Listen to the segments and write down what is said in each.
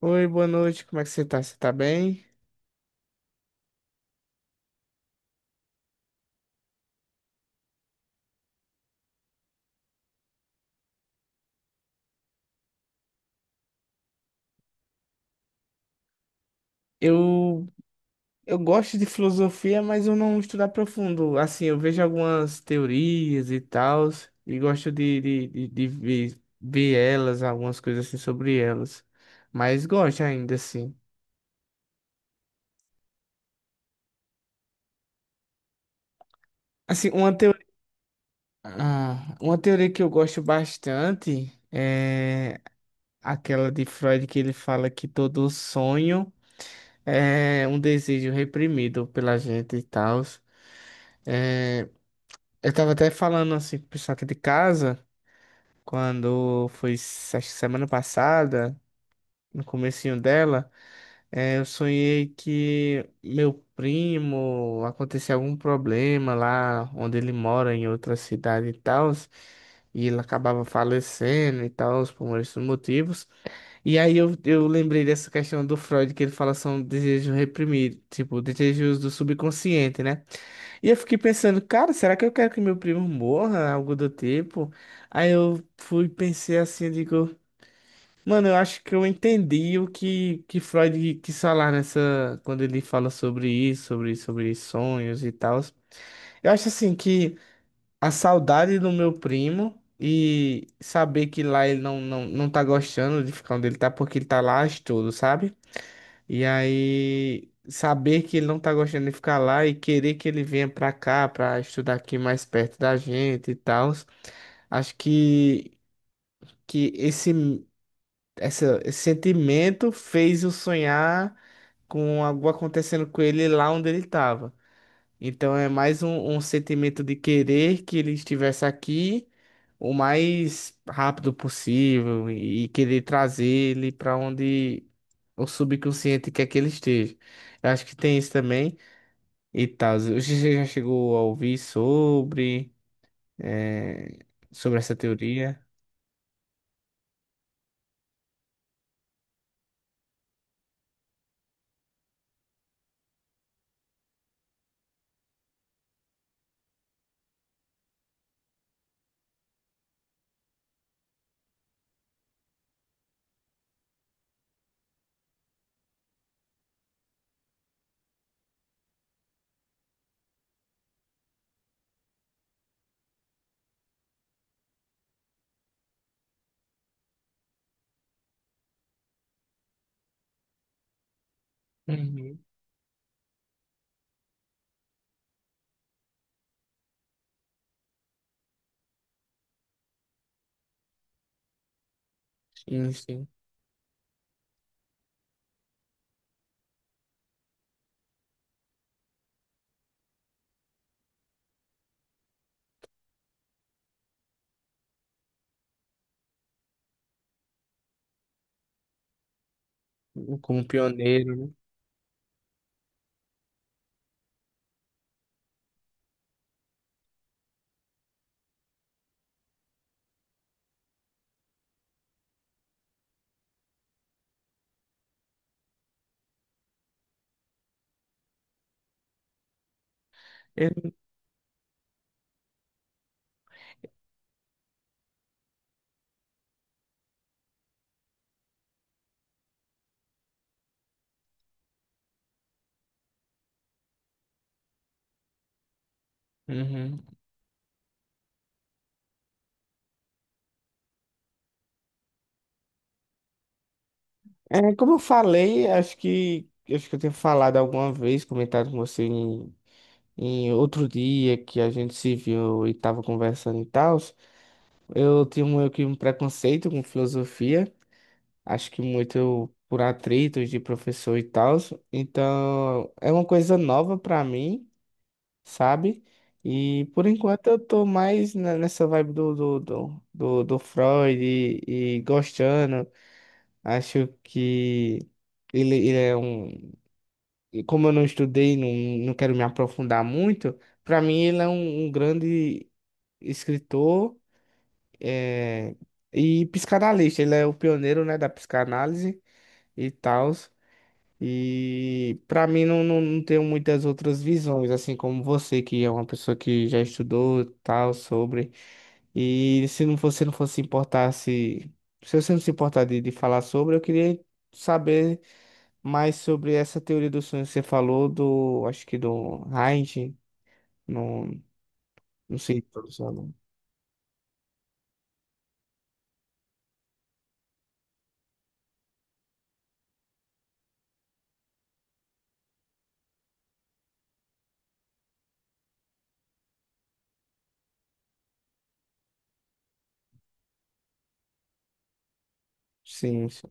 Oi, boa noite, como é que você tá? Você tá bem? Eu, eu gosto de filosofia, mas eu não estudo a profundo. Assim, eu vejo algumas teorias e tal, e gosto de ver, ver elas, algumas coisas assim sobre elas. Mas gosto ainda, assim. Assim, ah, uma teoria que eu gosto bastante é aquela de Freud que ele fala que todo sonho é um desejo reprimido pela gente e tal. Eu tava até falando assim com o pessoal aqui de casa, quando foi se- acho que semana passada, no comecinho dela, eu sonhei que meu primo aconteceu algum problema lá onde ele mora, em outra cidade e tal, e ele acabava falecendo e tal, por esses motivos. E aí eu lembrei dessa questão do Freud, que ele fala são desejos reprimidos, tipo, desejos do subconsciente, né? E eu fiquei pensando, cara, será que eu quero que meu primo morra? Algo do tipo. Aí eu fui, e pensei assim, eu digo, mano, eu acho que eu entendi o que Freud quis falar nessa, quando ele fala sobre isso, sobre sonhos e tal. Eu acho assim que a saudade do meu primo e saber que lá ele não tá gostando de ficar onde ele tá, porque ele tá lá a estudo, sabe? E aí, saber que ele não tá gostando de ficar lá e querer que ele venha pra cá pra estudar aqui mais perto da gente e tal. Acho que esse, essa- esse sentimento fez eu sonhar com algo acontecendo com ele lá onde ele tava. Então é mais um sentimento de querer que ele estivesse aqui o mais rápido possível e querer trazer ele pra onde o subconsciente quer que ele esteja. Eu acho que tem isso também e tal. Você já chegou a ouvir sobre, eh, sobre essa teoria? Uhum. Sim, sim. Como pioneiro, né? Eu- Uhum. É, como eu falei, acho que eu tenho falado alguma vez, comentado com você em outro dia que a gente se viu e estava conversando e tal. Eu tinha meio que um preconceito com filosofia, acho que muito por atritos de professor e tal. Então, é uma coisa nova pra mim, sabe? E por enquanto eu tô mais nessa vibe do Freud e gostando. Acho que ele é um. E como eu não estudei, não quero me aprofundar muito, pra mim ele é um grande escritor. É, e psicanalista, ele é o pioneiro, né, da psicanálise e tal. E pra mim não tenho muitas outras visões, assim como você, que é uma pessoa que já estudou tal sobre. E se não fosse, não fosse se importar se você não se importar de falar sobre, eu queria saber mais sobre essa teoria do sonho que você falou do, acho que do Heinz, não, não sei, se sim, sim.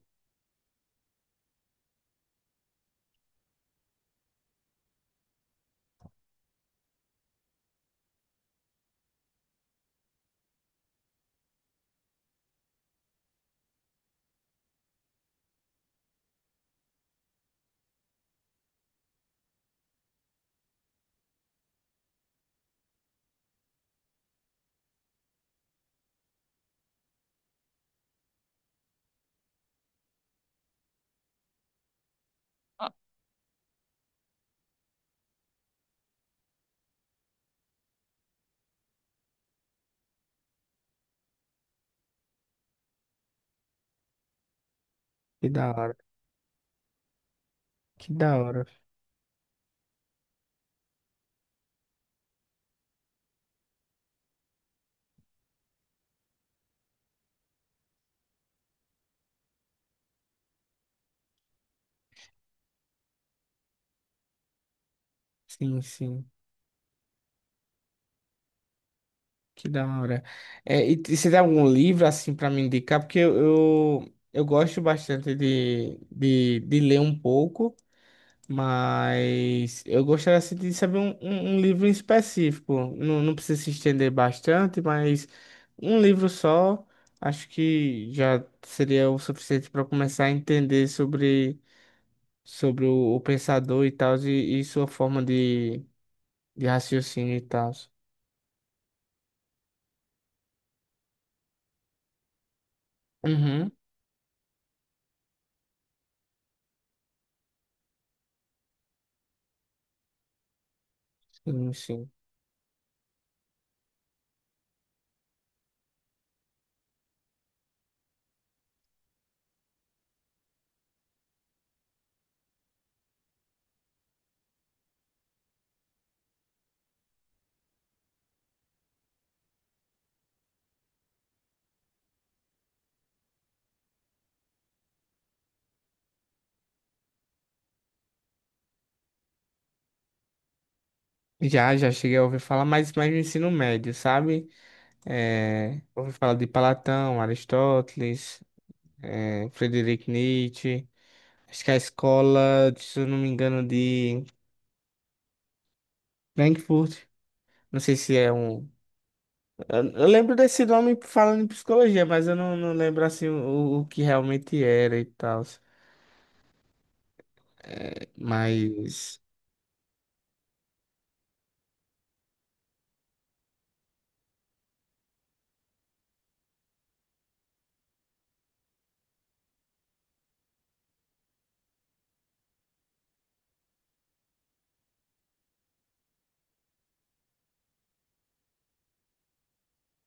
Que da hora, que da hora, sim, sim. Que da hora. É, e você tem algum livro assim para me indicar? Porque eu gosto bastante de ler um pouco, mas eu gostaria assim, de saber um livro em específico. Não, não precisa se estender bastante, mas um livro só acho que já seria o suficiente para começar a entender sobre, sobre o pensador e tal, e sua forma de raciocínio e tal. Uhum. Sim, sim. Já, já cheguei a ouvir falar, mas mais no ensino médio, sabe? É, ouvi falar de Platão, Aristóteles, é, Friedrich Nietzsche. Acho que a escola, se eu não me engano, de Frankfurt. Não sei se é um. Eu lembro desse nome falando em psicologia, mas eu não lembro assim o que realmente era e tal. Mas.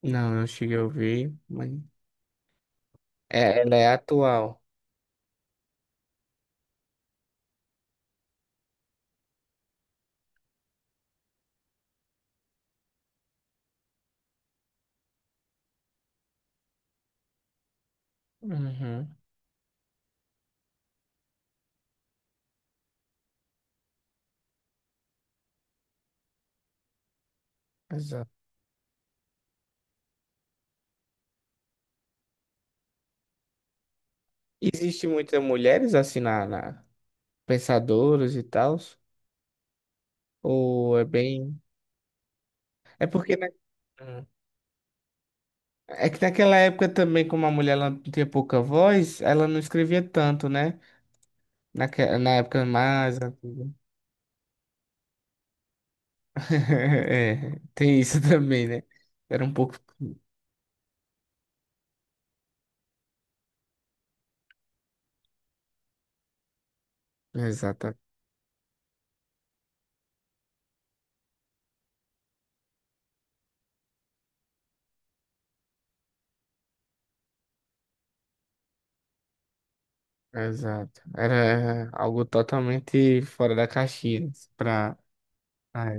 Não, não cheguei a ouvir. Mas... É, ela é atual. Uhum, exato. Existe muitas mulheres assim pensadores e tal? Ou é bem. É porque na- Hum. É que naquela época também, como a mulher ela tinha pouca voz, ela não escrevia tanto, né? Naque... Na época mais antiga. É, tem isso também, né? Era um pouco. Exato, exato. Era algo totalmente fora da caixinha. Pra... A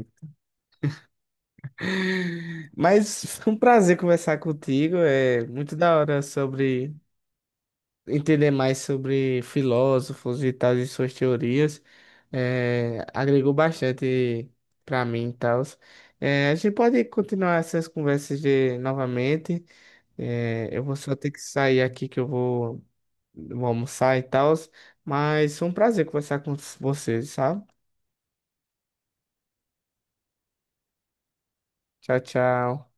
mas foi um prazer conversar contigo. É muito da hora sobre... Entender mais sobre filósofos e tal, e suas teorias, agregou bastante para mim e tal. A gente pode continuar essas conversas de, novamente. Eu vou só ter que sair aqui que vou almoçar e tal, mas foi um prazer conversar com vocês, sabe? Tchau, tchau.